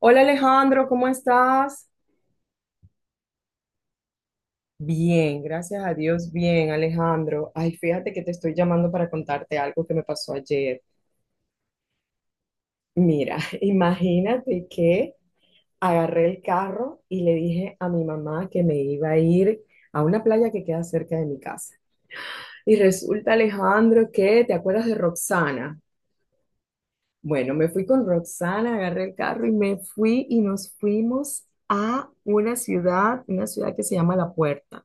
Hola, Alejandro, ¿cómo estás? Bien, gracias a Dios, bien, Alejandro. Ay, fíjate que te estoy llamando para contarte algo que me pasó ayer. Mira, imagínate que agarré el carro y le dije a mi mamá que me iba a ir a una playa que queda cerca de mi casa. Y resulta, Alejandro, que, ¿te acuerdas de Roxana? Bueno, me fui con Roxana, agarré el carro y me fui y nos fuimos a una ciudad que se llama La Puerta,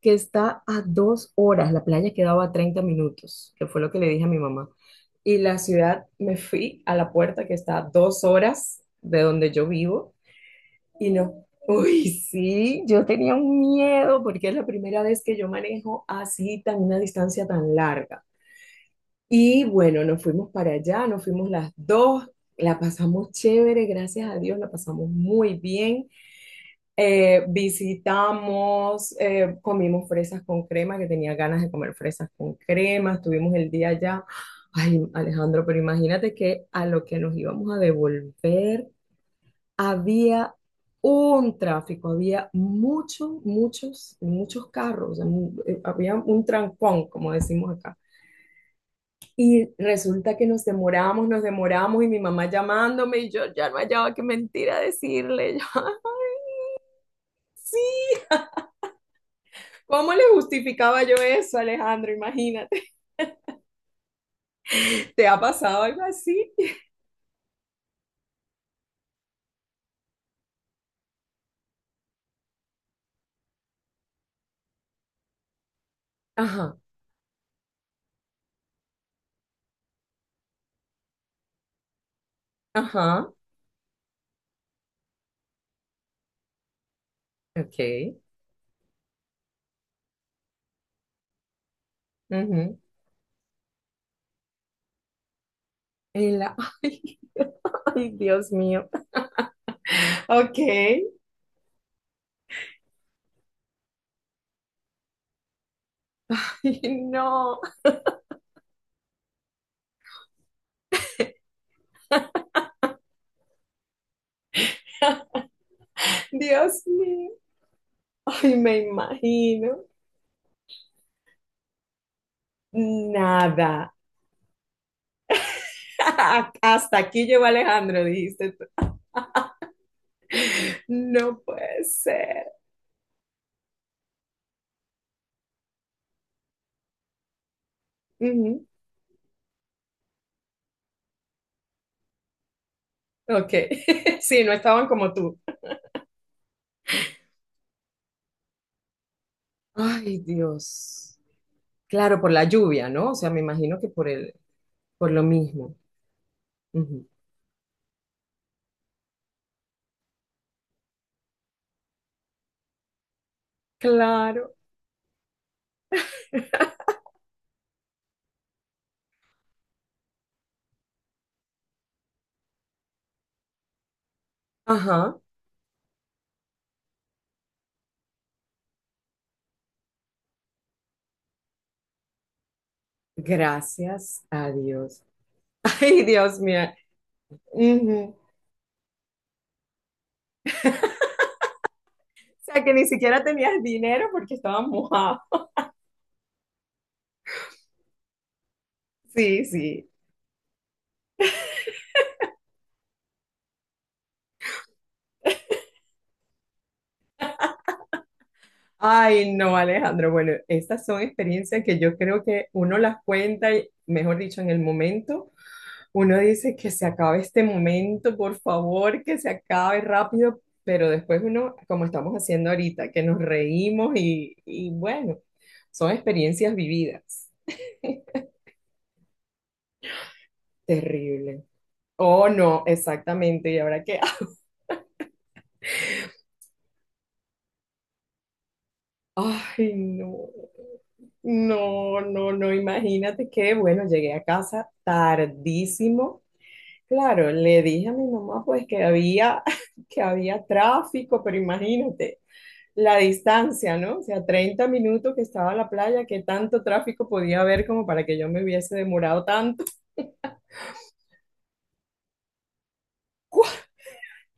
que está a dos horas. La playa quedaba a 30 minutos, que fue lo que le dije a mi mamá. Y la ciudad, me fui a La Puerta, que está a dos horas de donde yo vivo y no. Uy, sí, yo tenía un miedo porque es la primera vez que yo manejo así tan una distancia tan larga. Y bueno, nos fuimos para allá, nos fuimos las dos, la pasamos chévere, gracias a Dios, la pasamos muy bien. Visitamos, comimos fresas con crema, que tenía ganas de comer fresas con crema, estuvimos el día allá. Ay, Alejandro, pero imagínate que a lo que nos íbamos a devolver había un tráfico, había muchos, muchos, muchos carros, o sea, había un trancón, como decimos acá. Y resulta que nos demoramos y mi mamá llamándome y yo ya no hallaba qué mentira decirle. ¿Cómo le justificaba yo eso, Alejandro? Imagínate. ¿Te ha pasado algo así? Ajá, ajá, ok. Ujú. En la- ay, ay, Dios mío. Ok. Ay, no. Dios mío. Ay, me imagino. Nada. Hasta aquí llegó Alejandro, dijiste tú. No puede ser. Ujú. Ok. Sí, no estaban como tú. Ay, Dios. Claro, por la lluvia, ¿no? O sea, me imagino que por el, por lo mismo. Ujú. Claro. Ajá. Gracias a Dios. Ay, Dios mío. Ujú. O sea, que ni siquiera tenías dinero porque estabas mojado. Sí, sí. Ay, no, Alejandro. Bueno, estas son experiencias que yo creo que uno las cuenta, y, mejor dicho, en el momento, uno dice que se acabe este momento, por favor, que se acabe rápido, pero después uno, como estamos haciendo ahorita, que nos reímos y bueno, son experiencias vividas. Terrible. Oh, no, exactamente. Y ahora que, ay, no, no, imagínate que, bueno, llegué a casa tardísimo. Claro, le dije a mi mamá pues que había, que había tráfico, pero imagínate. La distancia, ¿no? O sea, 30 minutos que estaba a la playa, ¿que tanto tráfico podía haber como para que yo me hubiese demorado tanto? ¿Cuál?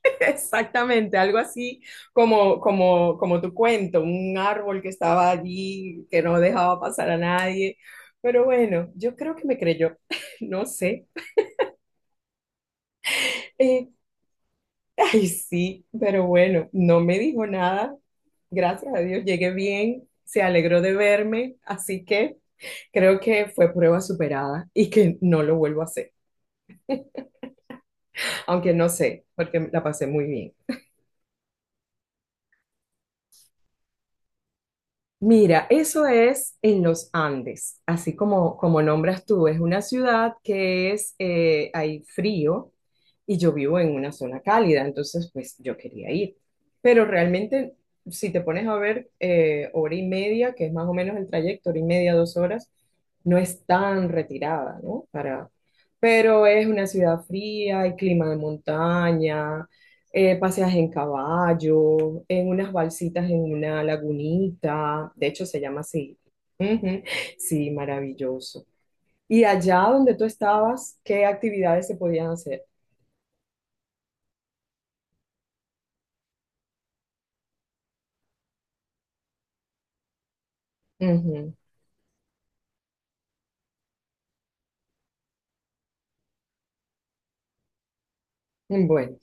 Exactamente, algo así como tu cuento, un árbol que estaba allí, que no dejaba pasar a nadie. Pero bueno, yo creo que me creyó, no sé. Eh, Ay, sí, pero bueno, no me dijo nada. Gracias a Dios, llegué bien, se alegró de verme, así que creo que fue prueba superada y que no lo vuelvo a hacer, aunque no sé, porque la pasé muy bien. Mira, eso es en los Andes, así como, como nombras tú, es una ciudad que es, hay frío y yo vivo en una zona cálida, entonces pues yo quería ir. Pero realmente, si te pones a ver, hora y media, que es más o menos el trayecto, hora y media, dos horas, no es tan retirada, ¿no? Para, pero es una ciudad fría, hay clima de montaña, paseas en caballo, en unas balsitas en una lagunita, de hecho se llama así. Ujú, sí, maravilloso. Y allá donde tú estabas, ¿qué actividades se podían hacer? Ujú, bueno,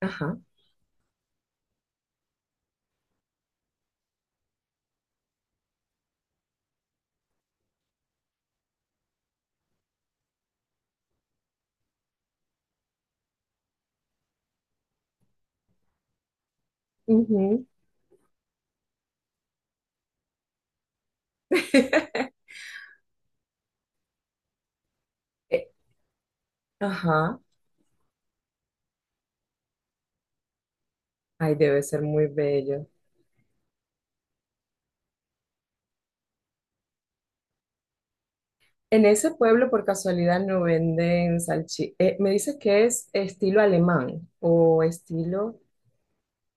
ajá, ujú. Eh, ajá, ay, debe ser muy bello. En ese pueblo, por casualidad, ¿no venden salchichas? Me dices que es estilo alemán o estilo,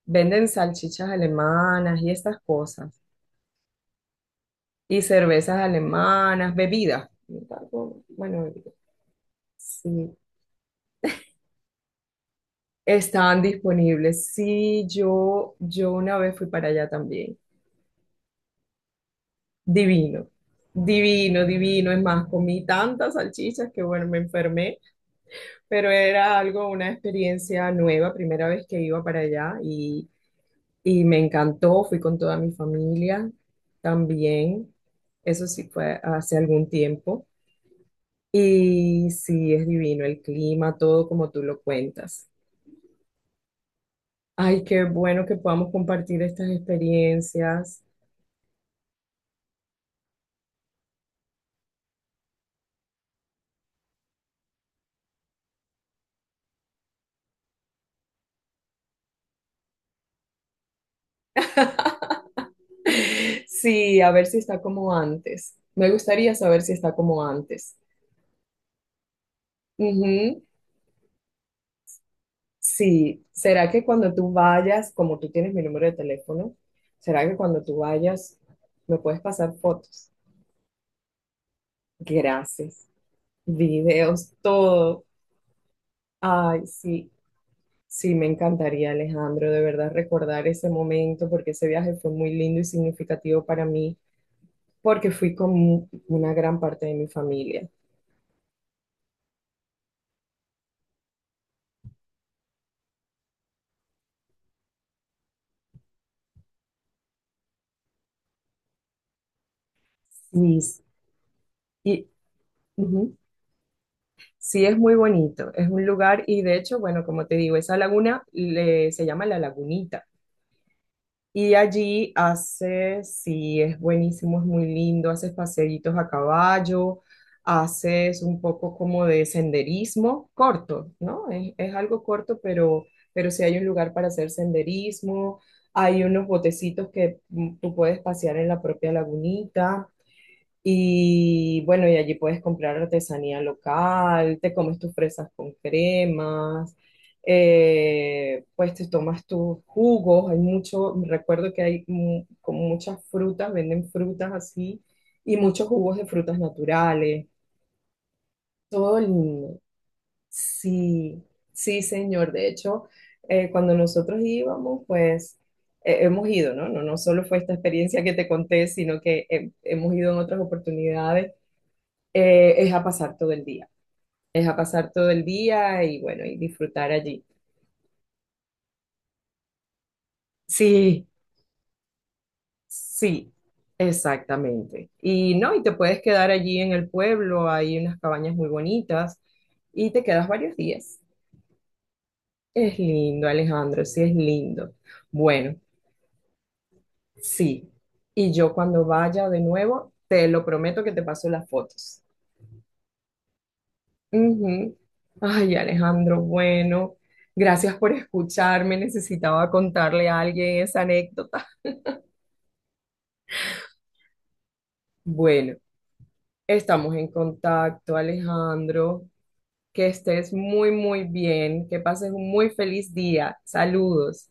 ¿venden salchichas alemanas y estas cosas? Y cervezas alemanas, bebidas. Algo- bueno, bebidas. Sí, estaban disponibles. Sí, yo una vez fui para allá también. Divino, divino, divino. Es más, comí tantas salchichas que bueno, me enfermé, pero era algo, una experiencia nueva, primera vez que iba para allá y me encantó. Fui con toda mi familia también. Eso sí fue hace algún tiempo. Y sí, es divino el clima, todo como tú lo cuentas. Ay, qué bueno que podamos compartir estas experiencias. Sí, a ver si está como antes. Me gustaría saber si está como antes. Ujú. Sí, ¿será que cuando tú vayas, como tú tienes mi número de teléfono, será que cuando tú vayas me puedes pasar fotos? Gracias. Videos, todo. Ay, sí. Sí, me encantaría, Alejandro, de verdad recordar ese momento porque ese viaje fue muy lindo y significativo para mí porque fui con una gran parte de mi familia. Y, y ujú, sí, es muy bonito, es un lugar y de hecho, bueno, como te digo, esa se llama La Lagunita. Y allí haces, sí, es buenísimo, es muy lindo, haces paseitos a caballo, haces un poco como de senderismo corto, ¿no? Es algo corto, pero sí hay un lugar para hacer senderismo, hay unos botecitos que tú puedes pasear en la propia lagunita. Y bueno, y allí puedes comprar artesanía local, te comes tus fresas con cremas, pues te tomas tus jugos, hay mucho, recuerdo que hay como muchas frutas, venden frutas así, y muchos jugos de frutas naturales, todo lindo. Sí, sí, señor. De hecho, cuando nosotros íbamos, pues hemos ido, ¿no? No, no solo fue esta experiencia que te conté, sino que hemos ido en otras oportunidades, es a pasar todo el día, es a pasar todo el día y bueno, y disfrutar allí. Sí, sí, exactamente. Y no, y te puedes quedar allí en el pueblo, hay unas cabañas muy bonitas y te quedas varios días. Es lindo, Alejandro, sí es lindo. Bueno, sí. Y yo cuando vaya de nuevo, te lo prometo que te paso las fotos. Ujú. Ay, Alejandro, bueno, gracias por escucharme. Necesitaba contarle a alguien esa anécdota. Bueno, estamos en contacto, Alejandro. Que estés muy, muy bien. Que pases un muy feliz día. Saludos.